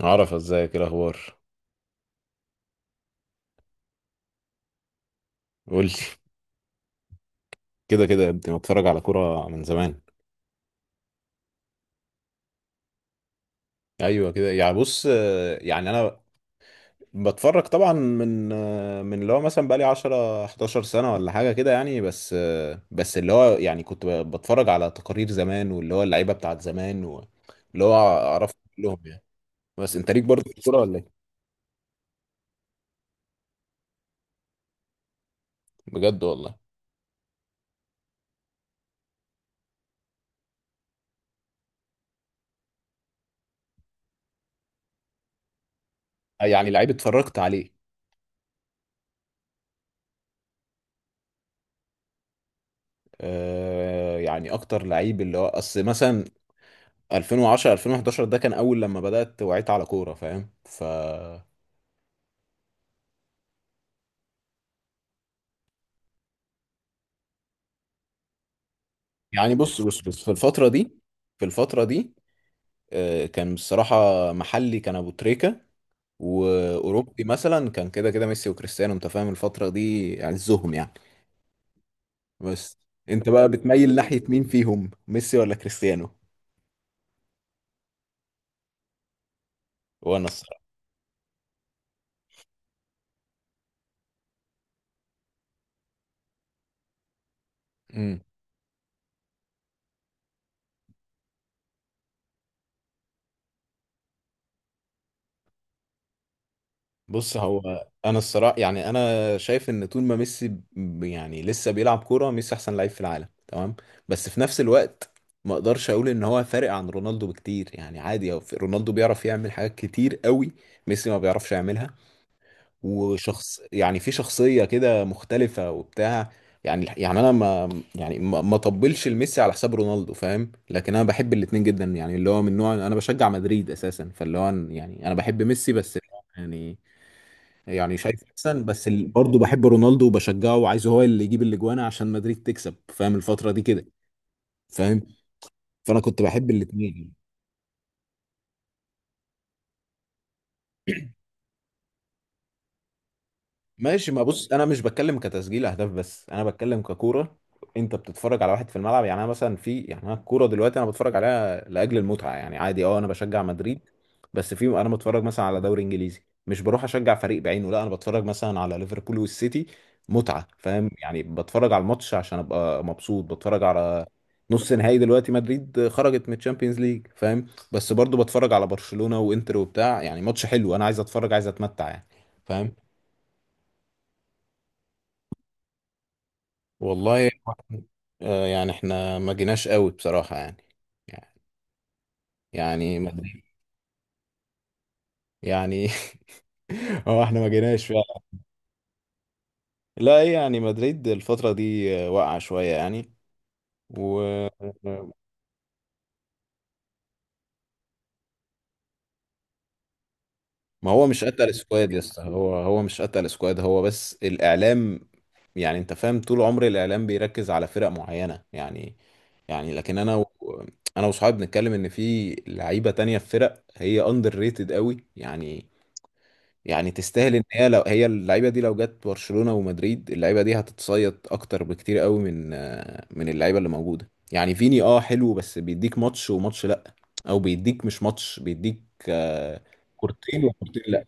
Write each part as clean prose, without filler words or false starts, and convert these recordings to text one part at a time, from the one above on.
عرف ازيك ايه الاخبار؟ قول لي. كده كده يا ابني بتفرج على كوره من زمان. ايوه كده، يعني بص، يعني انا بتفرج طبعا من من اللي هو مثلا بقالي 10 11 سنه ولا حاجه كده، يعني بس بس اللي هو يعني كنت بتفرج على تقارير زمان، واللي هو اللعيبه بتاعت زمان، واللي هو اعرف كلهم يعني. بس انت ليك برضه في الكوره ولا ايه؟ بجد والله. يعني لعيب اتفرجت عليه، يعني اكتر لعيب اللي هو اصل مثلا 2010 2011 ده كان اول لما بدأت وعيت على كورة، فاهم؟ ف يعني بص بص بص، في الفترة دي، في الفترة دي كان بصراحة محلي كان ابو تريكة، واوروبي مثلا كان كده كده ميسي وكريستيانو. انت فاهم الفترة دي عزهم يعني. بس انت بقى بتميل ناحية مين فيهم، ميسي ولا كريستيانو؟ وانا الصراحة، بص هو انا الصراحه، يعني انا شايف ان طول ما ميسي يعني لسه بيلعب كوره، ميسي احسن لعيب في العالم، تمام؟ بس في نفس الوقت ما اقدرش اقول ان هو فارق عن رونالدو بكتير، يعني عادي. هو رونالدو بيعرف يعمل حاجات كتير قوي، ميسي ما بيعرفش يعملها. وشخص، يعني في شخصيه كده مختلفه وبتاع. يعني يعني انا ما، يعني ما ما طبلش لميسي على حساب رونالدو فاهم، لكن انا بحب الاتنين جدا. يعني اللي هو من نوع انا بشجع مدريد اساسا، فاللي هو يعني انا بحب ميسي بس يعني. يعني شايف احسن، بس برضه بحب رونالدو وبشجعه، وعايزه هو اللي يجيب الاجوان عشان مدريد تكسب، فاهم الفتره دي كده؟ فاهم. فانا كنت بحب الاثنين. ماشي، ما بص انا مش بتكلم كتسجيل اهداف، بس انا بتكلم ككوره. انت بتتفرج على واحد في الملعب، يعني انا مثلا في، يعني انا الكوره دلوقتي انا بتفرج عليها لاجل المتعه، يعني عادي. اه انا بشجع مدريد، بس في انا بتفرج مثلا على دوري انجليزي، مش بروح اشجع فريق بعينه، لا انا بتفرج مثلا على ليفربول والسيتي متعه، فاهم؟ يعني بتفرج على الماتش عشان ابقى مبسوط، بتفرج على نص نهائي. دلوقتي مدريد خرجت من الشامبيونز ليج فاهم. بس برضو بتفرج على برشلونه وانتر وبتاع، يعني ماتش حلو انا عايز اتفرج، عايز اتمتع يعني. فاهم. والله يعني احنا ما جيناش قوي بصراحة يعني. يعني مدريد، يعني هو احنا ما جيناش فعلا. لا هي يعني مدريد الفترة دي واقعة شوية يعني. و ما هو مش قتل سكواد، لسه هو هو مش قتل سكواد، هو بس الإعلام. يعني انت فاهم طول عمر الإعلام بيركز على فرق معينة يعني. يعني لكن انا انا وصحابي بنتكلم ان في لعيبة تانية في فرق هي اندر ريتد قوي يعني. يعني تستاهل ان هي، لو هي اللعيبه دي لو جت برشلونه ومدريد، اللعيبه دي هتتصيد اكتر بكتير قوي من من اللعيبه اللي موجوده يعني. فيني اه حلو، بس بيديك ماتش وماتش لا. او بيديك مش ماتش، بيديك آه، كورتين وكورتين لا.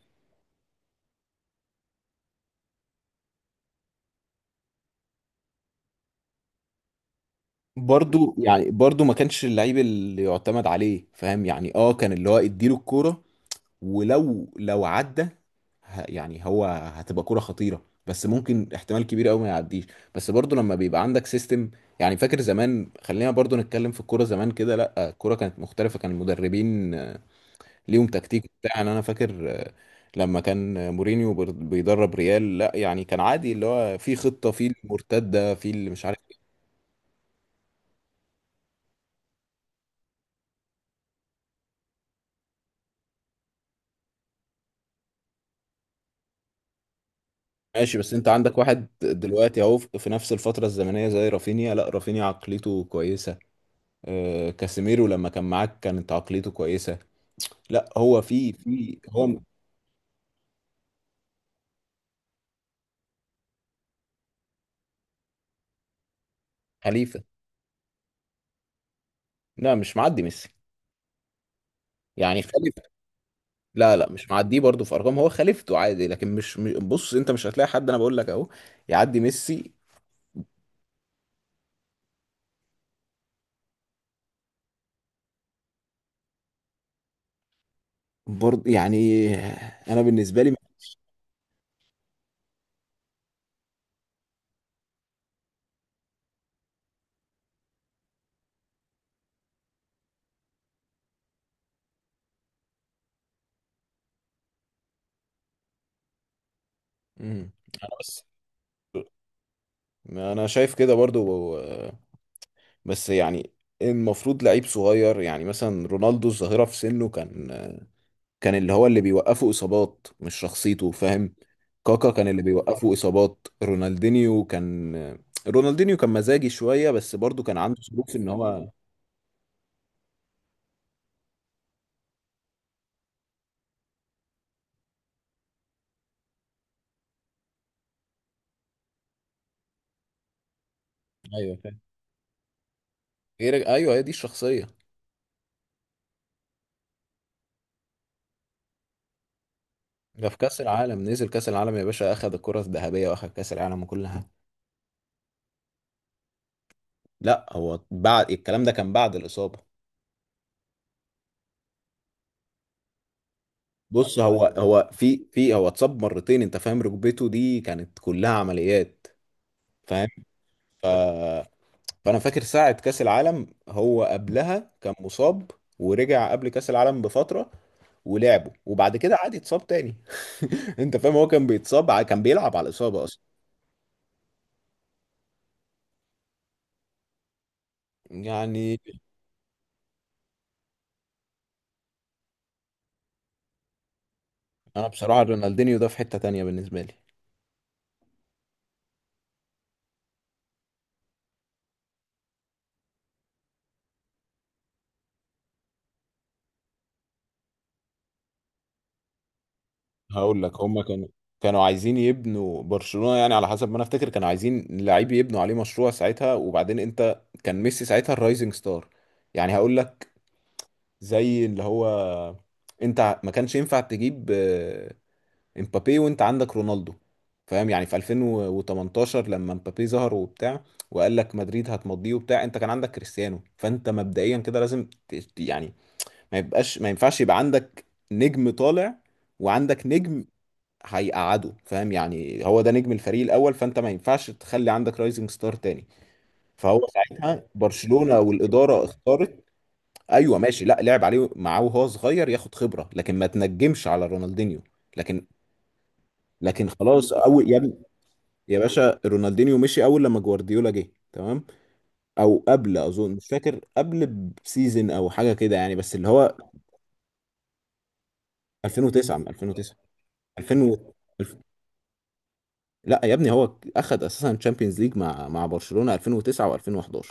برضو يعني برضو ما كانش اللعيب اللي يعتمد عليه فاهم يعني. اه كان اللي هو اديله الكوره، ولو عدى يعني هو هتبقى كرة خطيرة، بس ممكن احتمال كبير قوي ما يعديش. بس برضو لما بيبقى عندك سيستم. يعني فاكر زمان، خلينا برضو نتكلم في الكورة زمان كده. لا الكورة كانت مختلفة، كان المدربين ليهم تكتيك بتاع يعني. انا فاكر لما كان مورينيو بيدرب ريال، لا يعني كان عادي اللي هو في خطة في المرتدة في اللي مش عارف إيه. ماشي بس انت عندك واحد دلوقتي اهو في، في نفس الفترة الزمنية زي رافينيا، لا رافينيا عقليته كويسة. كاسيميرو لما كان معاك كانت عقليته كويسة. لا هو في، في هو خليفة. لا مش معدي ميسي، يعني خليفة. لا لا مش معديه، برضه في ارقام هو خليفته عادي. لكن مش بص، انت مش هتلاقي حد، انا بقول لك اهو يعدي ميسي. برضه يعني انا بالنسبة لي، مم، انا بس، انا شايف كده برضه بس يعني المفروض لعيب صغير. يعني مثلا رونالدو الظاهرة في سنه كان، كان اللي هو اللي بيوقفه اصابات مش شخصيته فاهم. كاكا كان اللي بيوقفه اصابات. رونالدينيو كان، رونالدينيو كان مزاجي شويه بس برضو كان عنده ظروف ان هو، ايوه فاهم. غير ايوه، هي دي الشخصيه. ده في كاس العالم نزل كاس العالم يا باشا، اخذ الكره الذهبيه واخذ كاس العالم وكل حاجه. لا هو بعد، الكلام ده كان بعد الاصابه. بص هو، هو في، في هو اتصاب مرتين انت فاهم، ركبته دي كانت كلها عمليات. فاهم. ف فانا فاكر ساعة كأس العالم هو قبلها كان مصاب، ورجع قبل كأس العالم بفترة ولعبه، وبعد كده عاد اتصاب تاني. انت فاهم هو كان بيتصاب كان بيلعب على الإصابة اصلا. يعني انا بصراحة رونالدينيو ده في حتة تانية بالنسبة لي. هقول لك، هما كانوا، كانوا عايزين يبنوا برشلونة يعني، على حسب ما انا افتكر كانوا عايزين لعيب يبنوا عليه مشروع ساعتها. وبعدين انت كان ميسي ساعتها الرايزنج ستار يعني. هقول لك زي اللي هو، انت ما كانش ينفع تجيب امبابي وانت عندك رونالدو فاهم. يعني في 2018 لما امبابي ظهر وبتاع وقال لك مدريد هتمضيه وبتاع، انت كان عندك كريستيانو، فانت مبدئيا كده لازم يعني ما يبقاش، ما ينفعش يبقى عندك نجم طالع وعندك نجم هيقعده فاهم. يعني هو ده نجم الفريق الاول، فانت ما ينفعش تخلي عندك رايزنج ستار تاني. فهو ساعتها برشلونة والاداره اختارت. ايوه ماشي، لا لعب عليه معاه وهو صغير ياخد خبره، لكن ما تنجمش على رونالدينيو. لكن خلاص، قوي يا، يا باشا، رونالدينيو مشي اول لما جوارديولا جه تمام، او قبل اظن، مش فاكر، قبل بسيزن او حاجه كده يعني، بس اللي هو 2009. من 2009، 2000 الف- لا يا ابني هو اخد اساسا تشامبيونز ليج مع مع برشلونه 2009 و2011.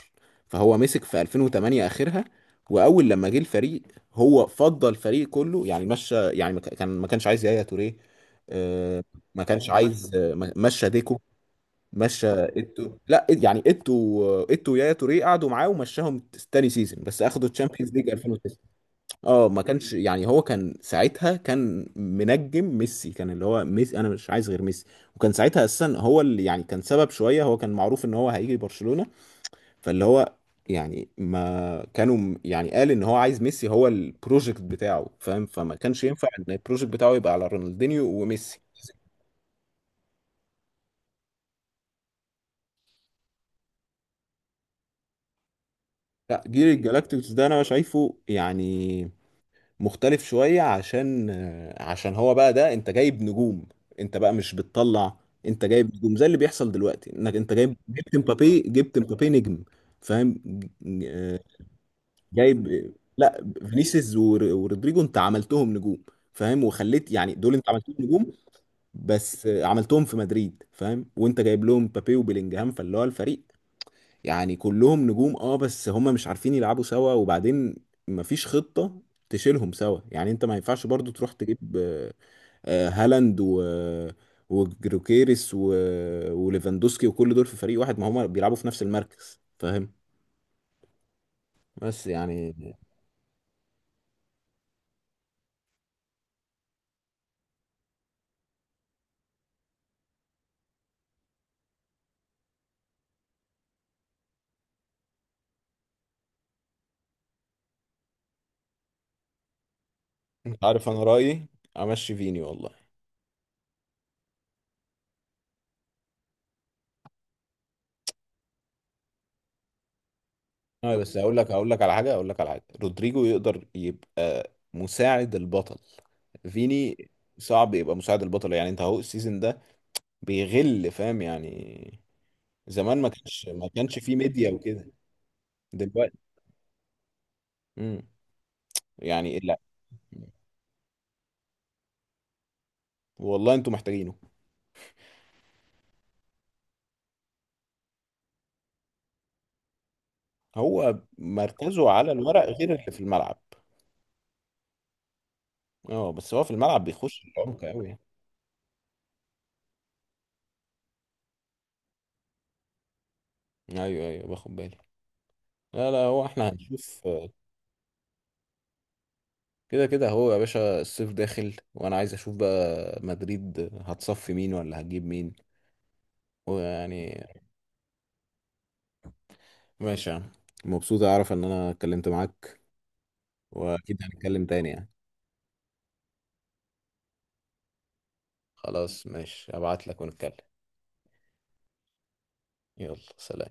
فهو مسك في 2008 اخرها، واول لما جه الفريق هو فضل الفريق كله يعني. مشى يعني ما كان، ما كانش عايز يايا توريه، آه، ما كانش عايز، مشى ديكو، مشى ايتو، لا يعني ايتو، ايتو ويايا توريه قعدوا معاه ومشاهم تاني سيزون، بس اخدوا الشامبيونز ليج 2009. اه ما كانش، يعني هو كان ساعتها كان منجم ميسي، كان اللي هو ميسي، انا مش عايز غير ميسي. وكان ساعتها اساسا هو اللي يعني كان سبب شويه، هو كان معروف ان هو هيجي برشلونه. فاللي هو، يعني ما كانوا يعني قال ان هو عايز ميسي، هو البروجكت بتاعه فاهم. فما كانش ينفع ان البروجكت بتاعه يبقى على رونالدينيو وميسي. لا جيل الجالاكتيكوس ده انا شايفه يعني مختلف شوية، عشان، عشان هو بقى ده انت جايب نجوم، انت بقى مش بتطلع، انت جايب نجوم زي اللي بيحصل دلوقتي. انك انت جايب، جبت مبابي، جبت مبابي نجم فاهم. ج- جايب، لا فينيسيوس ورودريجو انت عملتهم نجوم فاهم. وخليت يعني دول انت عملتهم نجوم، بس عملتهم في مدريد فاهم، وانت جايب لهم مبابي وبيلينجهام. فاللي هو الفريق يعني كلهم نجوم، اه بس هما مش عارفين يلعبوا سوا، وبعدين مفيش خطة تشيلهم سوا. يعني انت ما ينفعش برضو تروح تجيب هالاند و وجروكيريس وليفاندوسكي وكل دول في فريق واحد، ما هما بيلعبوا في نفس المركز فاهم. بس يعني انت عارف انا رأيي، امشي فيني والله. اه بس هقول لك، هقول لك على حاجة، رودريجو يقدر يبقى مساعد البطل، فيني صعب يبقى مساعد البطل. يعني انت اهو السيزون ده بيغل فاهم يعني. زمان ما كانش، ما كانش فيه ميديا وكده. دلوقتي، امم، يعني لا. والله انتوا محتاجينه. هو مركزه على الورق غير اللي في الملعب. اه بس هو في الملعب بيخش العمق قوي يعني. ايوه ايوه باخد بالي. لا لا هو احنا هنشوف. كده كده هو يا باشا الصيف داخل، وانا عايز اشوف بقى مدريد هتصفي مين ولا هتجيب مين ويعني. ماشي يا عم، مبسوط اعرف ان انا اتكلمت معاك، واكيد هنتكلم تاني يعني. خلاص ماشي، ابعت لك ونتكلم. يلا سلام.